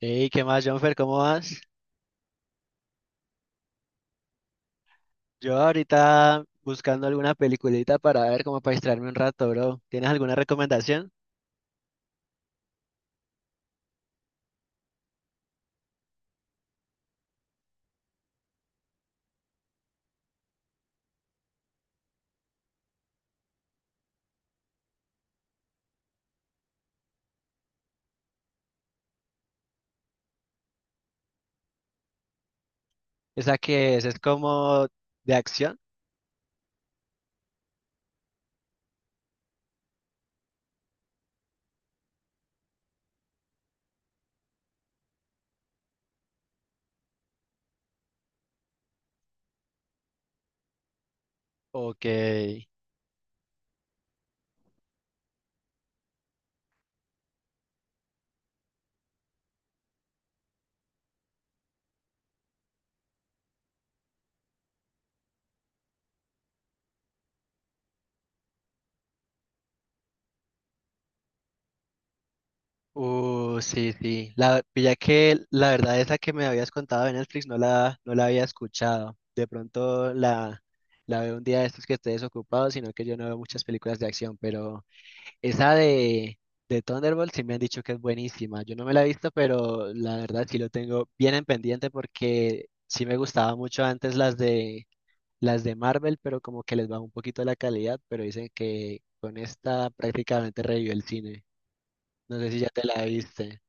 Hey, ¿qué más, Jonfer? ¿Cómo vas? Yo ahorita buscando alguna peliculita para ver como para distraerme un rato, bro. ¿Tienes alguna recomendación? ¿Esa que es? ¿Es como de acción? Ok. Sí, sí. Ya que la verdad esa que me habías contado de Netflix no la había escuchado. De pronto la veo un día de estos que esté desocupado, sino que yo no veo muchas películas de acción, pero... Esa de Thunderbolt sí me han dicho que es buenísima. Yo no me la he visto, pero la verdad sí lo tengo bien en pendiente porque sí me gustaba mucho antes las de Marvel, pero como que les bajó un poquito la calidad, pero dicen que con esta prácticamente revivió el cine. No sé si ya te la viste.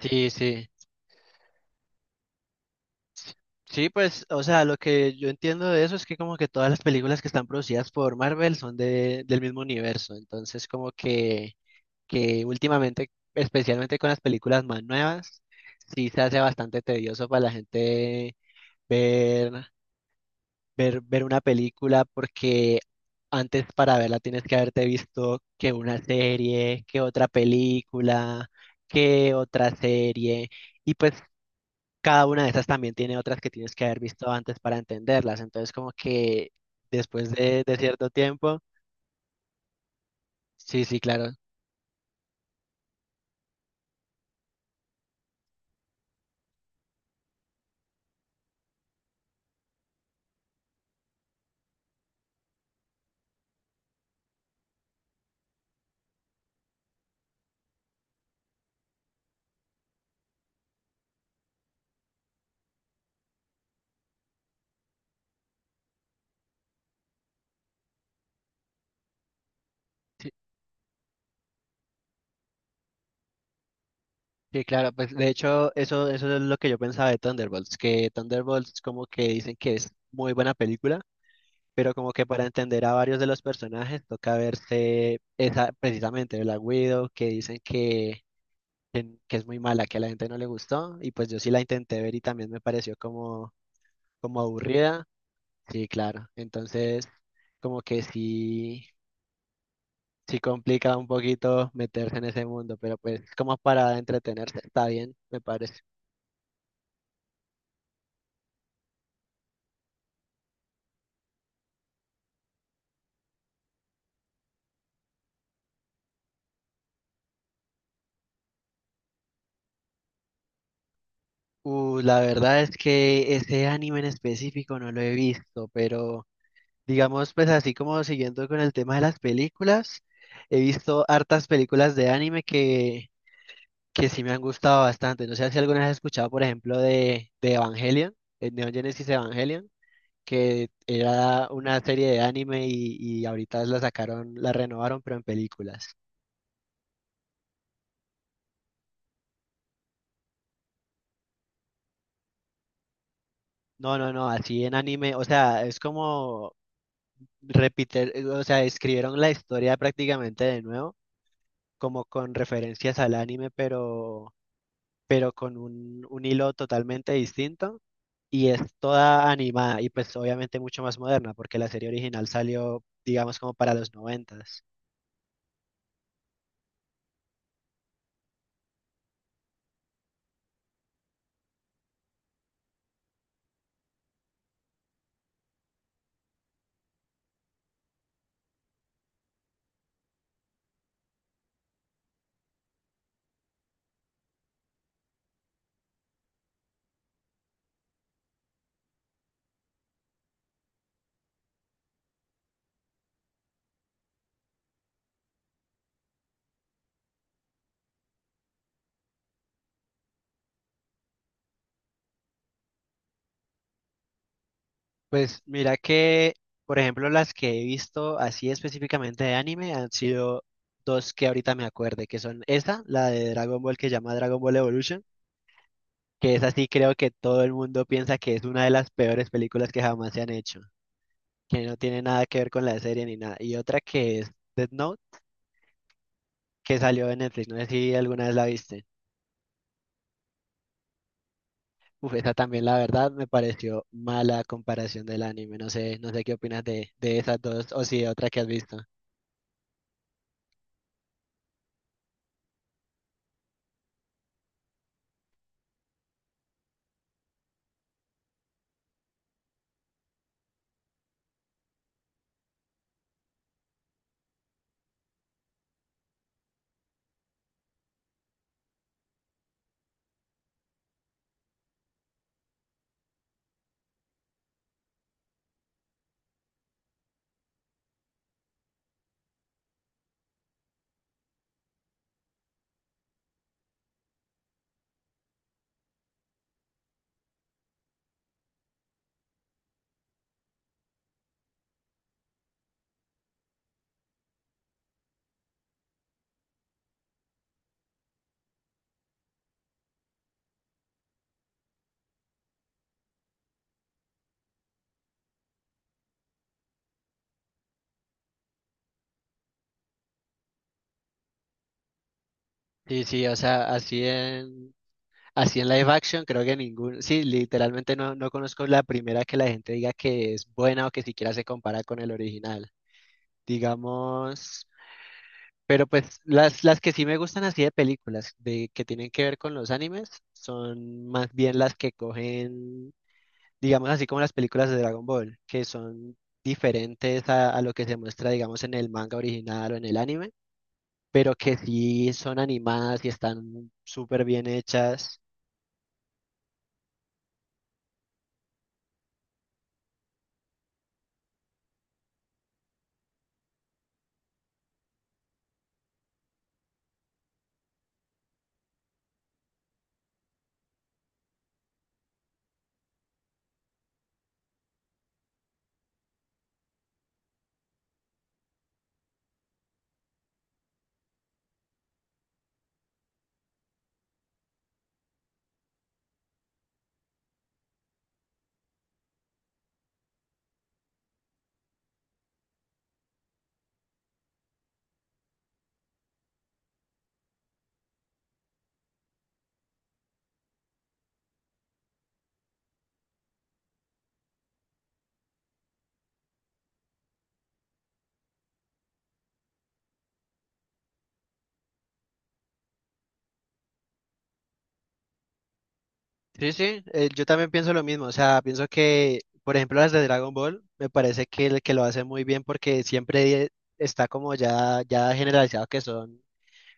Sí, sí. Sí, pues, o sea, lo que yo entiendo de eso es que como que todas las películas que están producidas por Marvel del mismo universo, entonces como que últimamente, especialmente con las películas más nuevas, sí se hace bastante tedioso para la gente ver, ver una película porque antes para verla tienes que haberte visto que una serie, que otra película, que otra serie, y pues cada una de esas también tiene otras que tienes que haber visto antes para entenderlas, entonces como que después de cierto tiempo, sí, sí, claro. Sí, claro, pues de hecho eso es lo que yo pensaba de Thunderbolts, que Thunderbolts como que dicen que es muy buena película, pero como que para entender a varios de los personajes toca verse esa, precisamente Black Widow, que dicen que es muy mala, que a la gente no le gustó, y pues yo sí la intenté ver y también me pareció como, como aburrida. Sí, claro, entonces como que sí, sí complica un poquito meterse en ese mundo, pero pues como para entretenerse está bien, me parece. La verdad es que ese anime en específico no lo he visto, pero digamos, pues así como siguiendo con el tema de las películas, he visto hartas películas de anime que sí me han gustado bastante. No sé si alguna vez has escuchado, por ejemplo, de Evangelion, el Neon Genesis Evangelion, que era una serie de anime y ahorita la sacaron, la renovaron, pero en películas. No, no, no, así en anime, o sea, es como repetir, o sea, escribieron la historia prácticamente de nuevo como con referencias al anime, pero con un hilo totalmente distinto. Y es toda animada y pues obviamente mucho más moderna, porque la serie original salió, digamos, como para los noventas. Pues mira que, por ejemplo, las que he visto así específicamente de anime han sido dos que ahorita me acuerde, que son esa, la de Dragon Ball que se llama Dragon Ball Evolution, que es así, creo que todo el mundo piensa que es una de las peores películas que jamás se han hecho, que no tiene nada que ver con la serie ni nada. Y otra que es Death Note, que salió en Netflix, no sé si alguna vez la viste. Uf, esa también la verdad me pareció mala comparación del anime, no sé, no sé qué opinas de esas dos o si de otra que has visto. Sí, sí, o sea, así en, así en live action creo que ningún, sí, literalmente no, no conozco la primera que la gente diga que es buena o que siquiera se compara con el original. Digamos, pero pues las que sí me gustan así de películas de que tienen que ver con los animes son más bien las que cogen, digamos así como las películas de Dragon Ball, que son diferentes a lo que se muestra, digamos, en el manga original o en el anime, pero que sí son animadas y están súper bien hechas. Sí, sí, yo también pienso lo mismo, o sea, pienso que, por ejemplo, las de Dragon Ball, me parece que, el que lo hace muy bien porque siempre está como ya, ya generalizado que son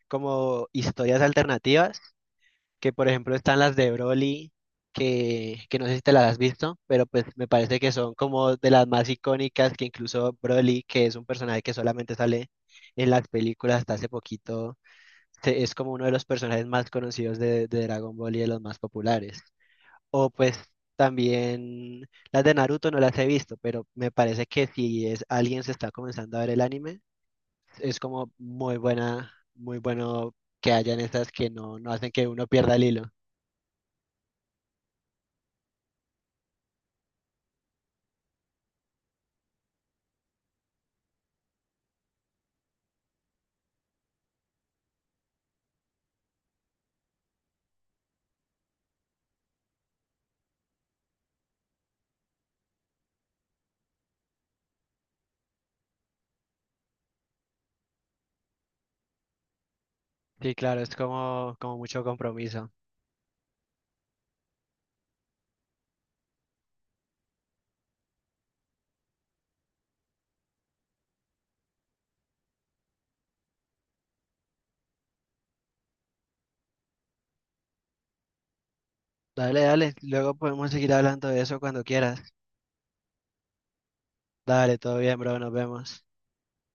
como historias alternativas, que por ejemplo están las de Broly, que no sé si te las has visto, pero pues me parece que son como de las más icónicas, que incluso Broly, que es un personaje que solamente sale en las películas hasta hace poquito, es como uno de los personajes más conocidos de Dragon Ball y de los más populares. O pues también las de Naruto no las he visto, pero me parece que si es alguien se está comenzando a ver el anime, es como muy buena, muy bueno que hayan estas que no, no hacen que uno pierda el hilo. Sí, claro, es como, como mucho compromiso. Dale, dale, luego podemos seguir hablando de eso cuando quieras. Dale, todo bien, bro, nos vemos.